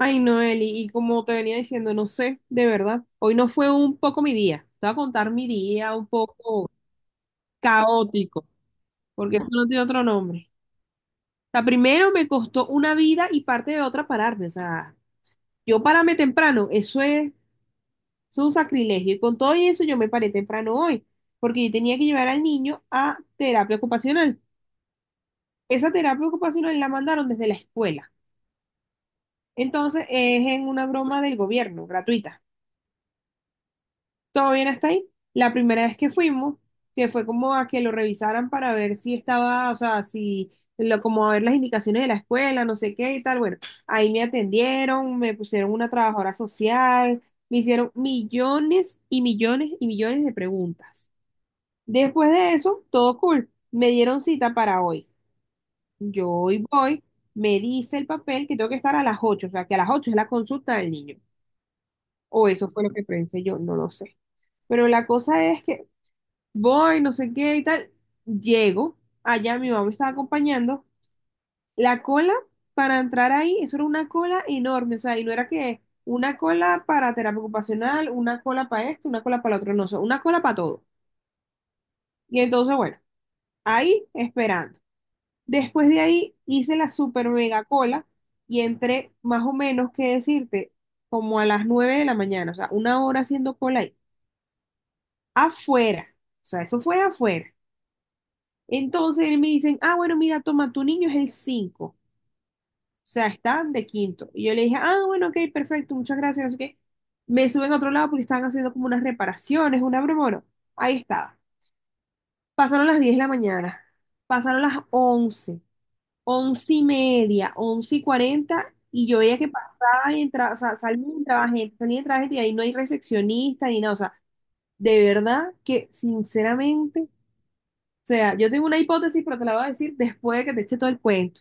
Ay, Noeli, y como te venía diciendo, no sé, de verdad, hoy no fue un poco mi día. Te voy a contar mi día un poco caótico, porque eso no tiene otro nombre. O sea, primero me costó una vida y parte de otra pararme. O sea, yo pararme temprano, eso es un sacrilegio. Y con todo y eso yo me paré temprano hoy, porque yo tenía que llevar al niño a terapia ocupacional. Esa terapia ocupacional la mandaron desde la escuela. Entonces es en una broma del gobierno, gratuita. Todo bien hasta ahí. La primera vez que fuimos, que fue como a que lo revisaran para ver si estaba, o sea, si, lo, como a ver las indicaciones de la escuela, no sé qué y tal. Bueno, ahí me atendieron, me pusieron una trabajadora social, me hicieron millones y millones y millones de preguntas. Después de eso, todo cool. Me dieron cita para hoy. Yo hoy voy, me dice el papel que tengo que estar a las 8, o sea, que a las 8 es la consulta del niño. O eso fue lo que pensé yo, no lo sé. Pero la cosa es que voy, no sé qué y tal. Llego, allá mi mamá me estaba acompañando. La cola para entrar ahí, eso era una cola enorme, o sea, y no era que una cola para terapia ocupacional, una cola para esto, una cola para lo otro, no, o sea, una cola para todo. Y entonces, bueno, ahí esperando. Después de ahí hice la super mega cola y entré más o menos, qué decirte, como a las 9 de la mañana, o sea, una hora haciendo cola ahí, afuera, o sea, eso fue afuera. Entonces él me dicen, ah, bueno, mira, toma, tu niño es el 5, o sea, están de quinto. Y yo le dije, ah, bueno, ok, perfecto, muchas gracias, no sé qué. Me suben a otro lado porque estaban haciendo como unas reparaciones, una broma, bueno, ahí estaba. Pasaron las 10 de la mañana, pasaron las 11, 11:30, 11 y 40, y yo veía que pasaba y entraba, o sea, salía y entraba gente, salía y entraba gente, y ahí no hay recepcionista ni nada, o sea, de verdad que, sinceramente, o sea, yo tengo una hipótesis, pero te la voy a decir después de que te eche todo el cuento.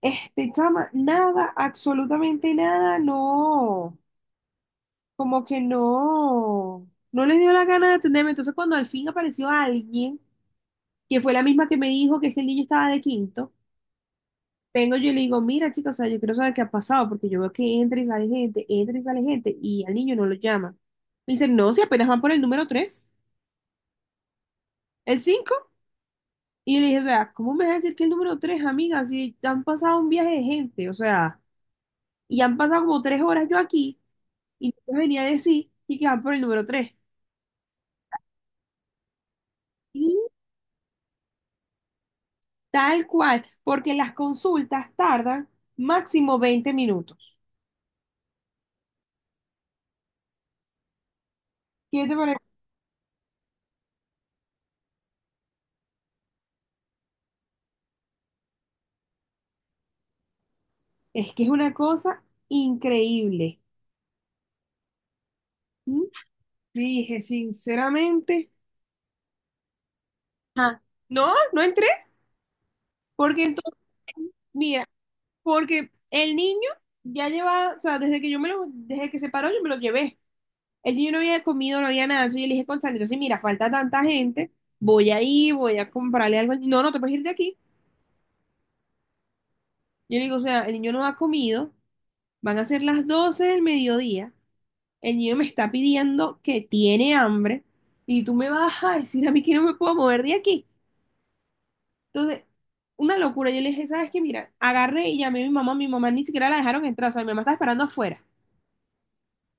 Este, chama, nada, absolutamente nada, no, como que no, no les dio la gana de atenderme. Entonces, cuando al fin apareció alguien, que fue la misma que me dijo que es que el niño estaba de quinto, vengo yo y le digo, mira, chicos, o sea, yo quiero saber qué ha pasado, porque yo veo que entra y sale gente, entra y sale gente, y al niño no lo llama. Me dice, no, si apenas van por el número tres, el cinco. Y yo le dije, o sea, ¿cómo me vas a decir que el número tres, amiga? Si han pasado un viaje de gente, o sea, y han pasado como tres horas yo aquí. Y nos venía a decir y que van por el número tres. Y tal cual, porque las consultas tardan máximo 20 minutos. ¿Qué te parece? Es que es una cosa increíble. ¿Mm? Dije, sinceramente, ah, no, no entré, porque entonces, mira, porque el niño ya lleva, o sea, desde que yo me lo, desde que se paró, yo me lo llevé. El niño no había comido, no había nada, entonces yo le dije, Gonzalo, entonces mira, falta tanta gente, voy a ir, voy a comprarle algo. No, no te puedes ir de aquí. Yo le digo, o sea, el niño no ha comido, van a ser 12:00 del mediodía, el niño me está pidiendo que tiene hambre y tú me vas a decir a mí que no me puedo mover de aquí. Entonces, una locura. Yo le dije, ¿sabes qué? Mira, agarré y llamé a mi mamá ni siquiera la dejaron entrar, o sea, mi mamá estaba esperando afuera.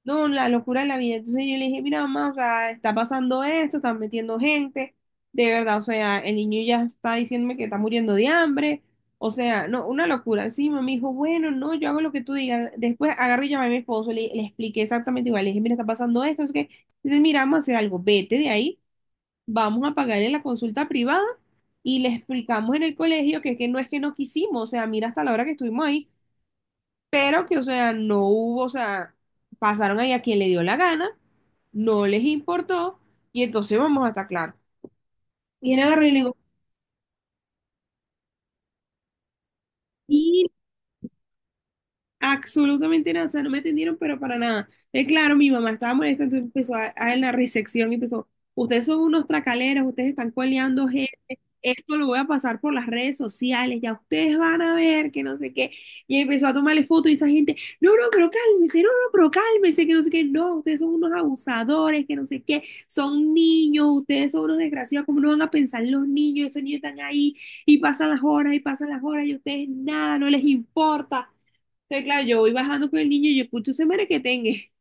No, la locura de la vida. Entonces yo le dije, mira, mamá, o sea, está pasando esto, están metiendo gente, de verdad, o sea, el niño ya está diciéndome que está muriendo de hambre, o sea, no, una locura. Encima me dijo, bueno, no, yo hago lo que tú digas. Después agarré y llamé a mi esposo, le expliqué exactamente igual, le dije, mira, está pasando esto, es que, dice, mira, vamos a hacer algo, vete de ahí, vamos a pagarle la consulta privada y le explicamos en el colegio que no es que no quisimos, o sea, mira hasta la hora que estuvimos ahí pero que, o sea, no hubo, o sea, pasaron ahí a quien le dio la gana, no les importó, y entonces vamos a estar claros. Y él agarró y le digo, absolutamente nada, o sea, no me atendieron, pero para nada. Claro, mi mamá estaba molesta, entonces empezó en la recepción y empezó, ustedes son unos tracaleros, ustedes están coleando gente, esto lo voy a pasar por las redes sociales, ya ustedes van a ver que no sé qué. Y empezó a tomarle fotos y esa gente, no, no, pero cálmese, no, no, pero cálmese, que no sé qué, no, ustedes son unos abusadores, que no sé qué, son niños, ustedes son unos desgraciados, ¿cómo no van a pensar en los niños? Esos niños están ahí y pasan las horas y pasan las horas y ustedes nada, no les importa. Entonces, claro, yo voy bajando con el niño y yo escucho ese merequetengue. Que tenga.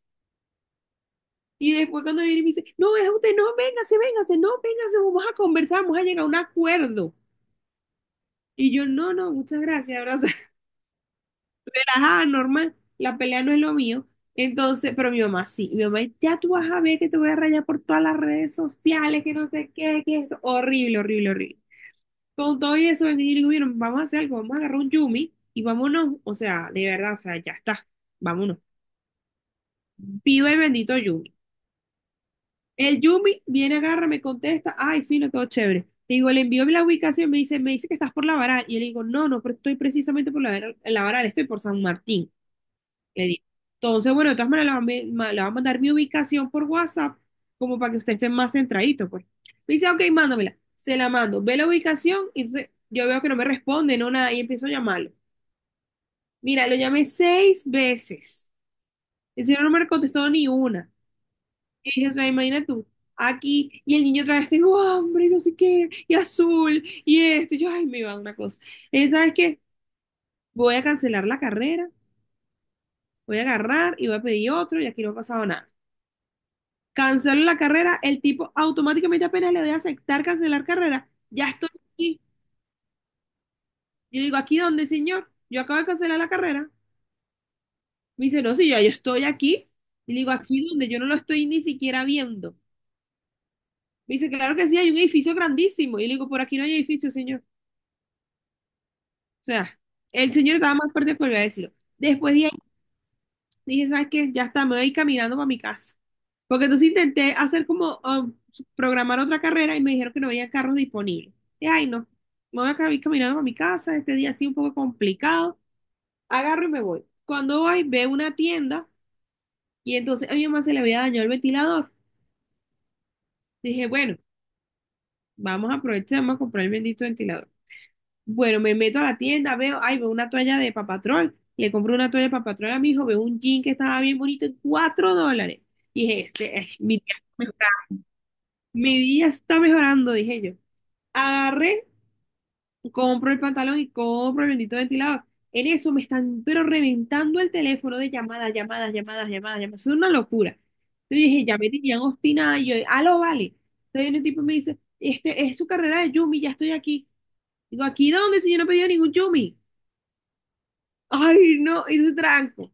Y después cuando viene y me dice, no, es usted, no, véngase, véngase, no, véngase, vamos a conversar, vamos a llegar a un acuerdo. Y yo, no, no, muchas gracias, abrazo, relajada, normal, la pelea no es lo mío. Entonces, pero mi mamá sí, mi mamá, ya tú vas a ver que te voy a rayar por todas las redes sociales, que no sé qué, que esto, horrible, horrible, horrible. Con todo y eso, vengo y le digo, miren, vamos a hacer algo, vamos a agarrar un Yumi y vámonos, o sea, de verdad, o sea, ya está, vámonos. Viva el bendito Yumi. El Yumi viene, agarra, me contesta, ay, fino, todo chévere. Le digo, le envío la ubicación, me dice que estás por La Varal. Y yo le digo, no, no, pero estoy precisamente por La Varal, en La Varal, estoy por San Martín. Le digo. Entonces, bueno, de todas maneras, le va a mandar mi ubicación por WhatsApp, como para que usted esté más centradito, pues. Me dice, ok, mándamela. Se la mando. Ve la ubicación, y entonces yo veo que no me responde, no nada, y empiezo a llamarlo. Mira, lo llamé seis veces. El señor no me contestó ni una. Y o sea, imagina tú, aquí, y el niño otra vez, tengo hambre, y no sé qué, y azul, y esto, y yo, ay, me iba a dar una cosa. Y ¿sabes qué? Voy a cancelar la carrera, voy a agarrar y voy a pedir otro, y aquí no ha pasado nada. Cancelo la carrera, el tipo automáticamente apenas le doy a aceptar cancelar carrera, ya estoy aquí. Yo digo, ¿aquí dónde, señor? Yo acabo de cancelar la carrera. Me dice, no, sí, ya yo estoy aquí. Y le digo, aquí donde yo no lo estoy ni siquiera viendo. Me dice, claro que sí, hay un edificio grandísimo. Y le digo, por aquí no hay edificio, señor. O sea, el señor estaba más fuerte que volvió a decirlo. Después de ahí dije, ¿sabes qué? Ya está, me voy caminando para mi casa. Porque entonces intenté hacer programar otra carrera y me dijeron que no había carros disponibles. Y ay, no, me voy a cami- caminando para mi casa, este día ha sido un poco complicado. Agarro y me voy. Cuando voy, veo una tienda y entonces a mi mamá se le había dañado el ventilador. Dije, bueno, vamos a aprovechar, vamos a comprar el bendito ventilador. Bueno, me meto a la tienda, veo, ay, veo una toalla de papatrol. Le compro una toalla de papatrol a mi hijo, veo un jean que estaba bien bonito en $4. Dije, este, ay, mi día me está, mejorando, mi día está mejorando, dije yo. Agarré, compro el pantalón y compro el bendito ventilador. En eso me están, pero reventando el teléfono de llamadas, llamadas, llamadas, llamadas, llamadas. Es una locura. Entonces dije, ya me tenían obstinada y yo, ah, lo vale. Entonces viene un tipo y me dice, este, es su carrera de Yumi, ya estoy aquí. Digo, ¿aquí dónde si yo no he pedido ningún Yumi? Ay, no, y dice tranco.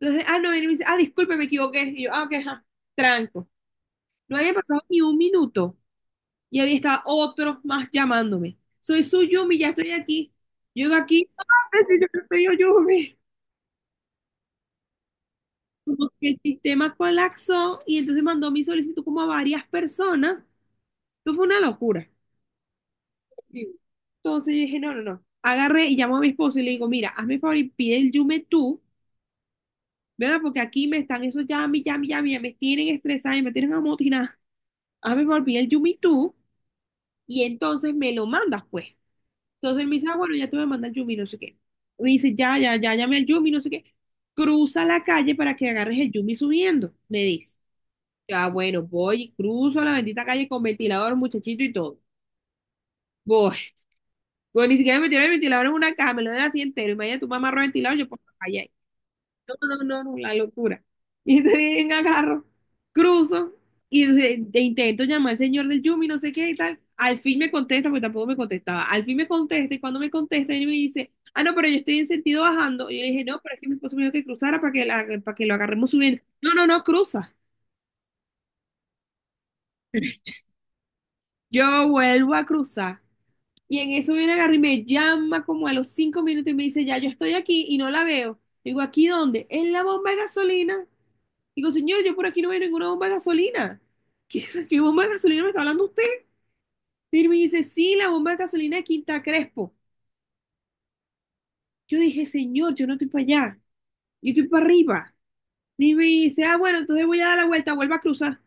Entonces, ah, no, viene y me dice, ah, disculpe, me equivoqué. Y yo, ah, ok, ajá, tranco. No había pasado ni un minuto y había estado otro más llamándome. Soy su Yumi, ya estoy aquí. Llego aquí, ah, sí, yo me pedí Yumi. Como que el sistema colapsó y entonces mandó mi solicitud como a varias personas. Esto fue una locura. Sí. Entonces yo dije, no, no, no. Agarré y llamó a mi esposo y le digo, mira, hazme el favor y pide el Yume tú, ¿verdad? Porque aquí me están esos yami, yami, yami, me tienen estresada y me tienen amotinada. A mí me olvidé el Yumi tú y entonces me lo mandas, pues. Entonces él me dice, ah, bueno, ya te voy a mandar el Yumi, no sé qué. Me dice, ya, ya, ya, llamé al Yumi, no sé qué. Cruza la calle para que agarres el Yumi subiendo, me dice. Ya, bueno, voy y cruzo la bendita calle con ventilador, muchachito y todo. Voy. Bueno, ni siquiera me metieron el ventilador en una cama, me lo den así entero. Imagínate, tu mamá amarró el ventilador, yo por la calle. No, no, no, no, la locura. Y entonces bien agarro, cruzo y entonces intento llamar al señor del Yumi, no sé qué y tal. Al fin me contesta, porque tampoco me contestaba. Al fin me contesta y cuando me contesta, él me dice, ah, no, pero yo estoy en sentido bajando. Y yo le dije, no, pero es que mi esposo me dijo que cruzara para que, para que lo agarremos subiendo. No, no, no, cruza. Yo vuelvo a cruzar. Y en eso viene agarré y me llama como a los cinco minutos y me dice, ya, yo estoy aquí y no la veo. Digo, ¿aquí dónde? En la bomba de gasolina. Digo, señor, yo por aquí no veo ninguna bomba de gasolina. ¿Qué, qué bomba de gasolina me está hablando usted? Y me dice, sí, la bomba de gasolina de Quinta Crespo. Yo dije, señor, yo no estoy para allá, yo estoy para arriba. Y me dice, ah, bueno, entonces voy a dar la vuelta, vuelvo a cruzar.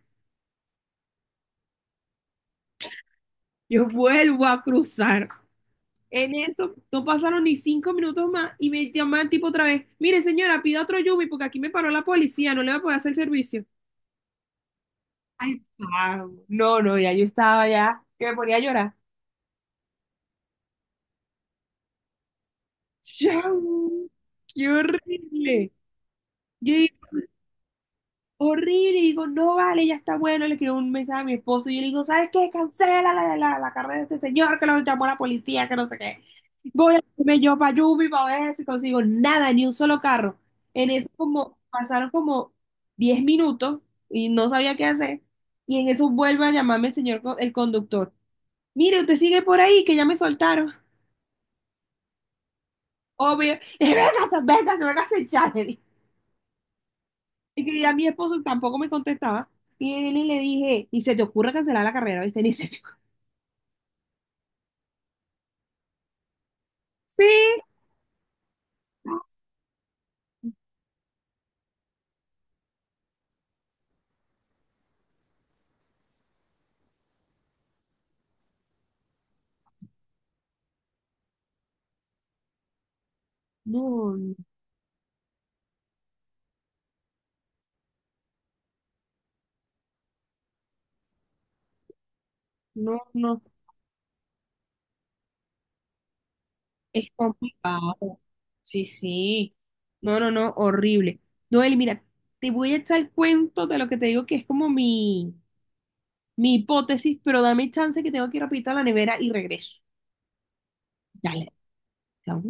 Yo vuelvo a cruzar. En eso no pasaron ni cinco minutos más y me llaman tipo otra vez, mire señora, pida otro Yumi porque aquí me paró la policía, no le voy a poder hacer servicio. Ay, pavo. No, no, ya yo estaba ya, que me ponía a llorar. Chau. ¡Qué horrible! Yo digo, horrible, y digo, no vale, ya está bueno. Le escribo un mensaje a mi esposo y yo le digo, ¿sabes qué? Cancela la carrera de ese señor que lo llamó la policía, que no sé qué. Voy a irme yo para Yubi para ver si consigo nada, ni un solo carro. En eso como pasaron como 10 minutos y no sabía qué hacer. Y en eso vuelve a llamarme el señor, el conductor. Mire, usted sigue por ahí, que ya me soltaron. Obvio. Véngase, véngase, véngase, echar. Y que a mi esposo tampoco me contestaba. Y le dije, ni se te ocurre cancelar la carrera, ¿viste? Ni se te ocurre. Sí. No, no, no. Es complicado. Sí, sí. No, no, no, horrible. Noel, mira, te voy a echar el cuento de lo que te digo que es como mi hipótesis, pero dame chance que tengo que ir rapidito a la nevera y regreso. Dale. Chao.